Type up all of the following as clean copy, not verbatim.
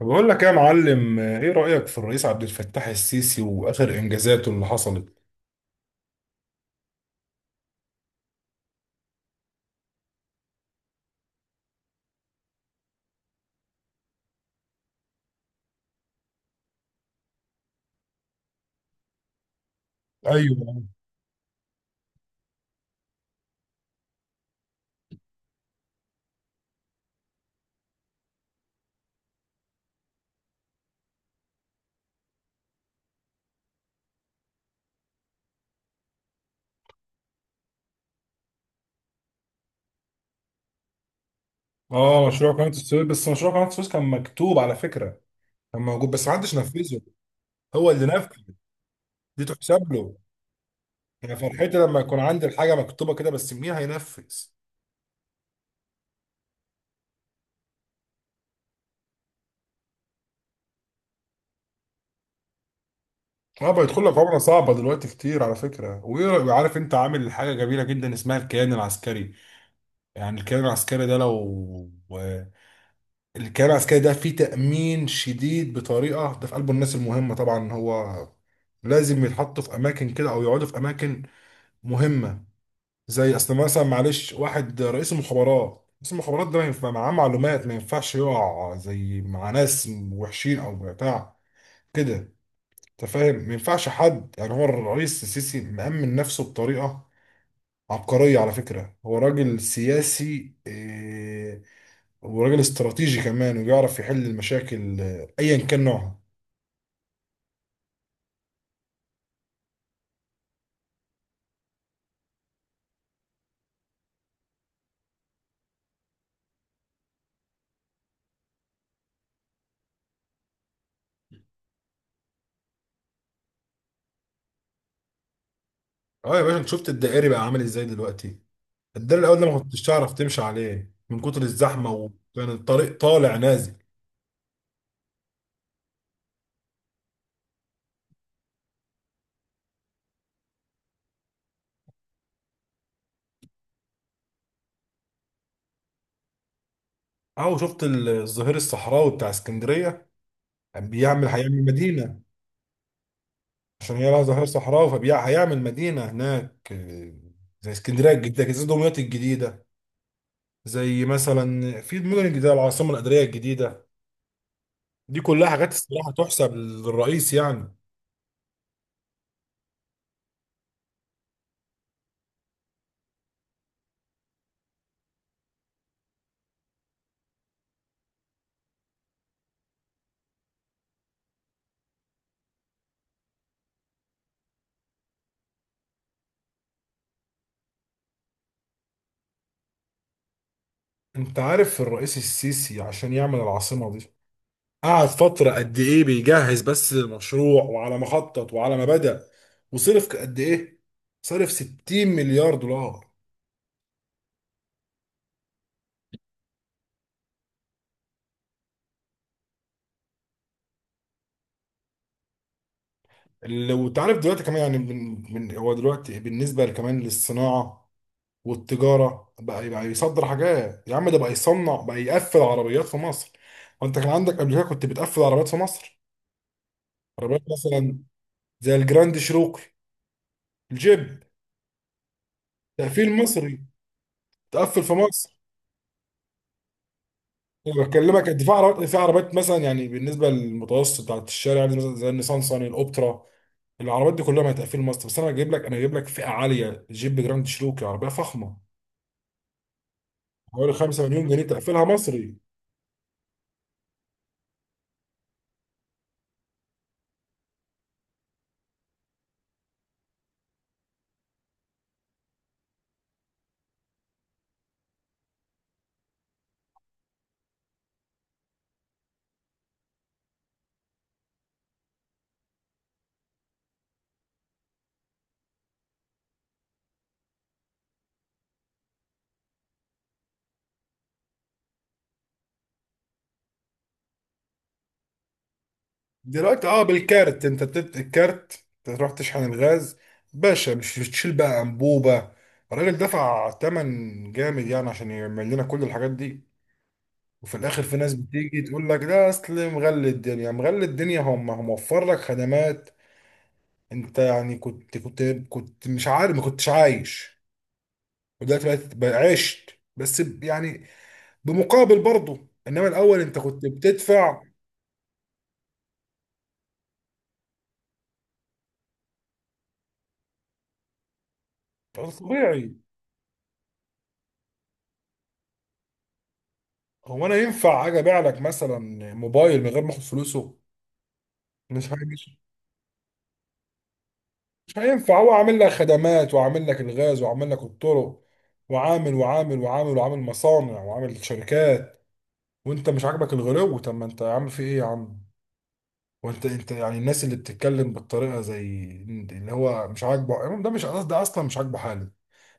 بقول لك يا معلم، ايه رأيك في الرئيس عبد الفتاح السيسي واخر انجازاته اللي حصلت؟ ايوه. اه، مشروع قناة السويس. بس مشروع قناة السويس كان مكتوب على فكرة، كان موجود بس محدش نفذه. هو اللي نفذ. دي تحسب له. انا فرحتي لما يكون عندي الحاجة مكتوبة كده، بس مين هينفذ؟ اه، بيدخل لك عملة صعبة دلوقتي كتير على فكرة. وعارف انت عامل حاجة جميلة جدا اسمها الكيان العسكري. يعني الكيان العسكري ده لو آه، الكيان العسكري ده فيه تأمين شديد بطريقة، ده في قلبه الناس المهمة. طبعا هو لازم يتحطوا في أماكن كده، أو يقعدوا في أماكن مهمة. زي أصل مثلا، معلش، واحد رئيس المخابرات، رئيس المخابرات ده ما ينفع معاه معلومات، ما ينفعش يقع زي مع ناس وحشين أو بتاع كده. أنت فاهم، ما ينفعش حد، يعني هو الرئيس السيسي مأمن نفسه بطريقة عبقرية على فكرة. هو راجل سياسي وراجل استراتيجي كمان، وبيعرف يحل المشاكل ايا كان نوعها. اه يا باشا، انت شفت الدائري بقى عامل ازاي دلوقتي؟ الدائري الاول ده ما كنتش تعرف تمشي عليه من كتر الزحمه، وكان الطريق طالع نازل. اهو، شفت الظهير الصحراوي بتاع اسكندريه، بيعمل، هيعمل مدينه. عشان هي لها ظهير صحراوي فهيعمل مدينه هناك، زي اسكندريه الجديده كده، زي دمياط الجديده، زي مثلا في المدن الجديده، العاصمه الاداريه الجديده. دي كلها حاجات الصراحه تحسب للرئيس يعني. انت عارف الرئيس السيسي عشان يعمل العاصمة دي قعد فترة قد ايه بيجهز بس للمشروع، وعلى ما خطط وعلى ما بدأ وصرف قد ايه؟ صرف 60 مليار دولار. اللي وانت عارف دلوقتي كمان يعني من هو دلوقتي بالنسبة كمان للصناعة والتجارة بقى، بقى يصدر حاجات يا عم، ده بقى يصنع، بقى يقفل عربيات في مصر. وانت كان عندك قبل كده كنت بتقفل عربيات في مصر؟ عربيات مثلا زي الجراند شروقي، الجيب. تقفيل مصري، تقفل في مصر. أنا بكلمك انت في عربيات، في عربيات مثلا يعني بالنسبه للمتوسط بتاعت الشارع يعني مثلا زي النيسان صاني، الاوبترا. العربيات دي كلها ما هتقفل مصر، بس انا هجيب لك، انا هجيب لك فئه عاليه، جيب جراند شروكي، عربيه فخمه حوالي 5 مليون جنيه، تقفلها مصري. دلوقتي اه بالكارت، انت بتت الكارت تروح تشحن الغاز باشا، مش بتشيل بقى انبوبه. الراجل دفع ثمن جامد يعني عشان يعمل لنا كل الحاجات دي. وفي الاخر في ناس بتيجي تقول لك ده اصل مغلي الدنيا، مغلي الدنيا، هم هم وفر لك خدمات. انت يعني كنت مش عارف، ما كنتش عايش، ودلوقتي بقيت بقى عشت، بس ب- يعني بمقابل برضه، انما الاول انت كنت بتدفع. طبيعي. هو انا ينفع اجي ابيع لك مثلا موبايل من غير ما اخد فلوسه؟ مش هي- مش مش هينفع، هو عامل لك خدمات، وعامل لك الغاز، وعامل لك الطرق، وعامل وعامل وعامل، وعامل مصانع، وعامل شركات، وانت مش عاجبك الغلو؟ طب ما انت يا عم في ايه يا عم؟ وانت يعني الناس اللي بتتكلم بالطريقه زي اللي هو مش عاجبه امام، ده مش ده اصلا مش عاجبه حاله،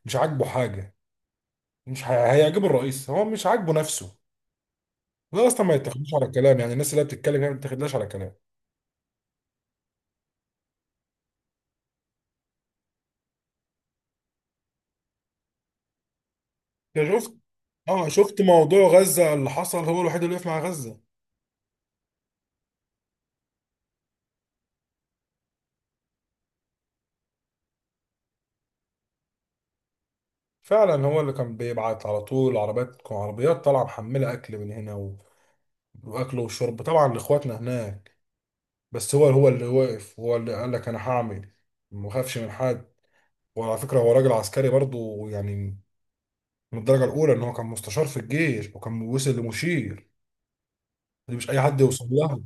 مش عاجبه حاجه، مش هي- هيعجب الرئيس، هو مش عاجبه نفسه. ده اصلا ما يتاخدوش على كلام، يعني الناس اللي هي بتتكلم هي ما بتاخدلاش على كلام. انت شفت، اه شفت موضوع غزه اللي حصل، هو الوحيد اللي وقف مع غزه. فعلا هو اللي كان بيبعت على طول عربيات، عربيات طالعه محمله اكل من هنا واكل وشرب طبعا لاخواتنا هناك. بس هو اللي وقف، هو اللي قال لك انا هعمل، ما اخافش من حد. وعلى فكرة هو راجل عسكري برضو يعني من الدرجة الأولى، إن هو كان مستشار في الجيش وكان وصل لمشير. دي مش أي حد يوصل لها.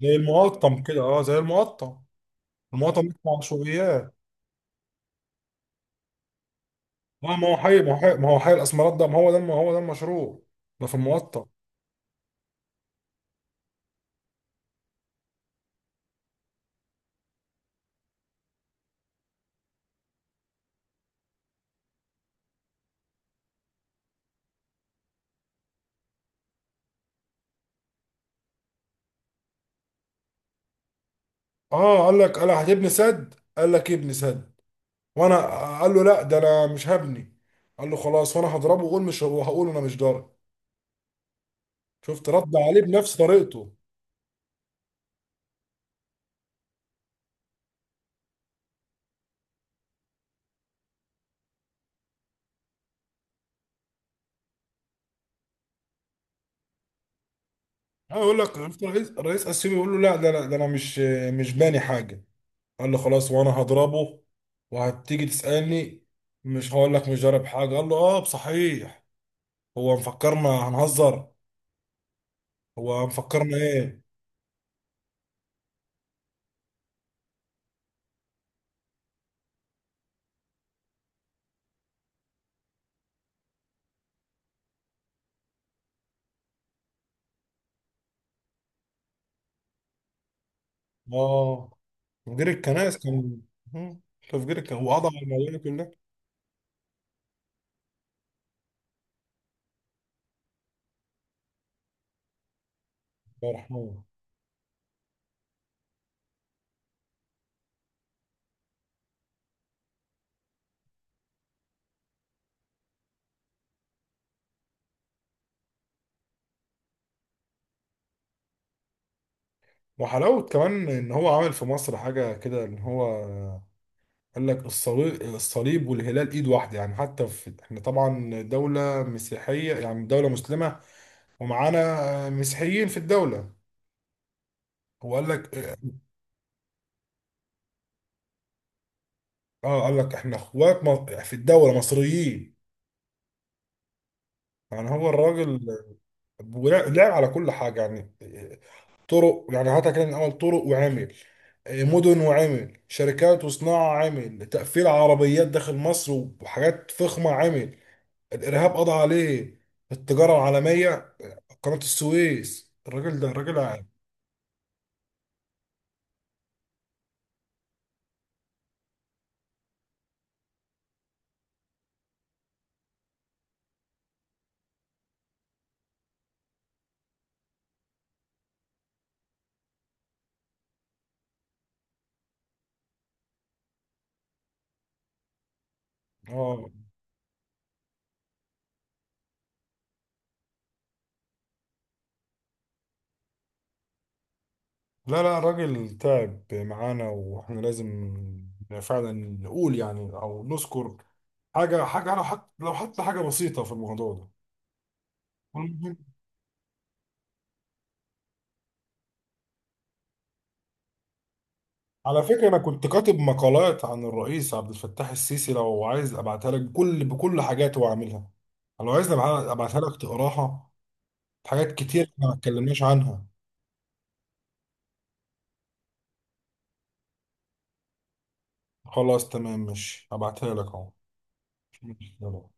زي المقطم كده، أه زي المقطم، المقطم مش مع عشوائيات. ما هو حي ما هو حي ما هو حي الأسمرات ده، ما هو ده المشروع، ده في المقطم. أه قال لك، قال هتبني سد، قال لك ابني سد. وأنا قال له لا ده أنا مش هبني. قال له خلاص وأنا هضربه، وأقول مش، وهقول أنا مش ضارب. شفت رد عليه بنفس طريقته. انا اقول لك، شفت الرئيس، الرئيس السيسي بيقول له لا ده، لا ده انا مش باني حاجه. قال له خلاص وانا هضربه، وهتيجي تسالني، مش هقول لك مش ضارب حاجه. قال له اه صحيح، هو مفكرنا هنهزر؟ هو مفكرنا ايه؟ اه، تفجير الكنائس كان، مم. تفجير الكنائس، وقضى على الموضوع كله. الله يرحمه. وحلاوه كمان ان هو عمل في مصر حاجه كده، ان هو قال لك الصليب الصليب والهلال ايد واحده، يعني حتى في احنا طبعا دوله مسيحيه، يعني دوله مسلمه ومعانا مسيحيين في الدوله. هو قال لك، اه قال لك احنا اخوات في الدوله مصريين. يعني هو الراجل لعب على كل حاجه يعني، طرق يعني هاتها كده من اول، طرق وعمل مدن، وعمل شركات وصناعه، عمل تقفيل عربيات داخل مصر، وحاجات فخمه عمل، الارهاب قضى عليه، التجاره العالميه، قناة السويس. الراجل ده راجل اه. لا لا، راجل تعب معانا واحنا لازم فعلا نقول يعني، او نذكر حاجة، حاجة، لو حط، لو حتى حاجة بسيطة في الموضوع ده. والمهم، على فكرة أنا كنت كاتب مقالات عن الرئيس عبد الفتاح السيسي، لو عايز أبعتها لك بكل، بكل حاجاته وعاملها، لو عايز أبعتها لك تقراها. حاجات كتير إحنا ما اتكلمناش عنها. خلاص تمام، ماشي هبعتها لك أهو. ماشي، يلا.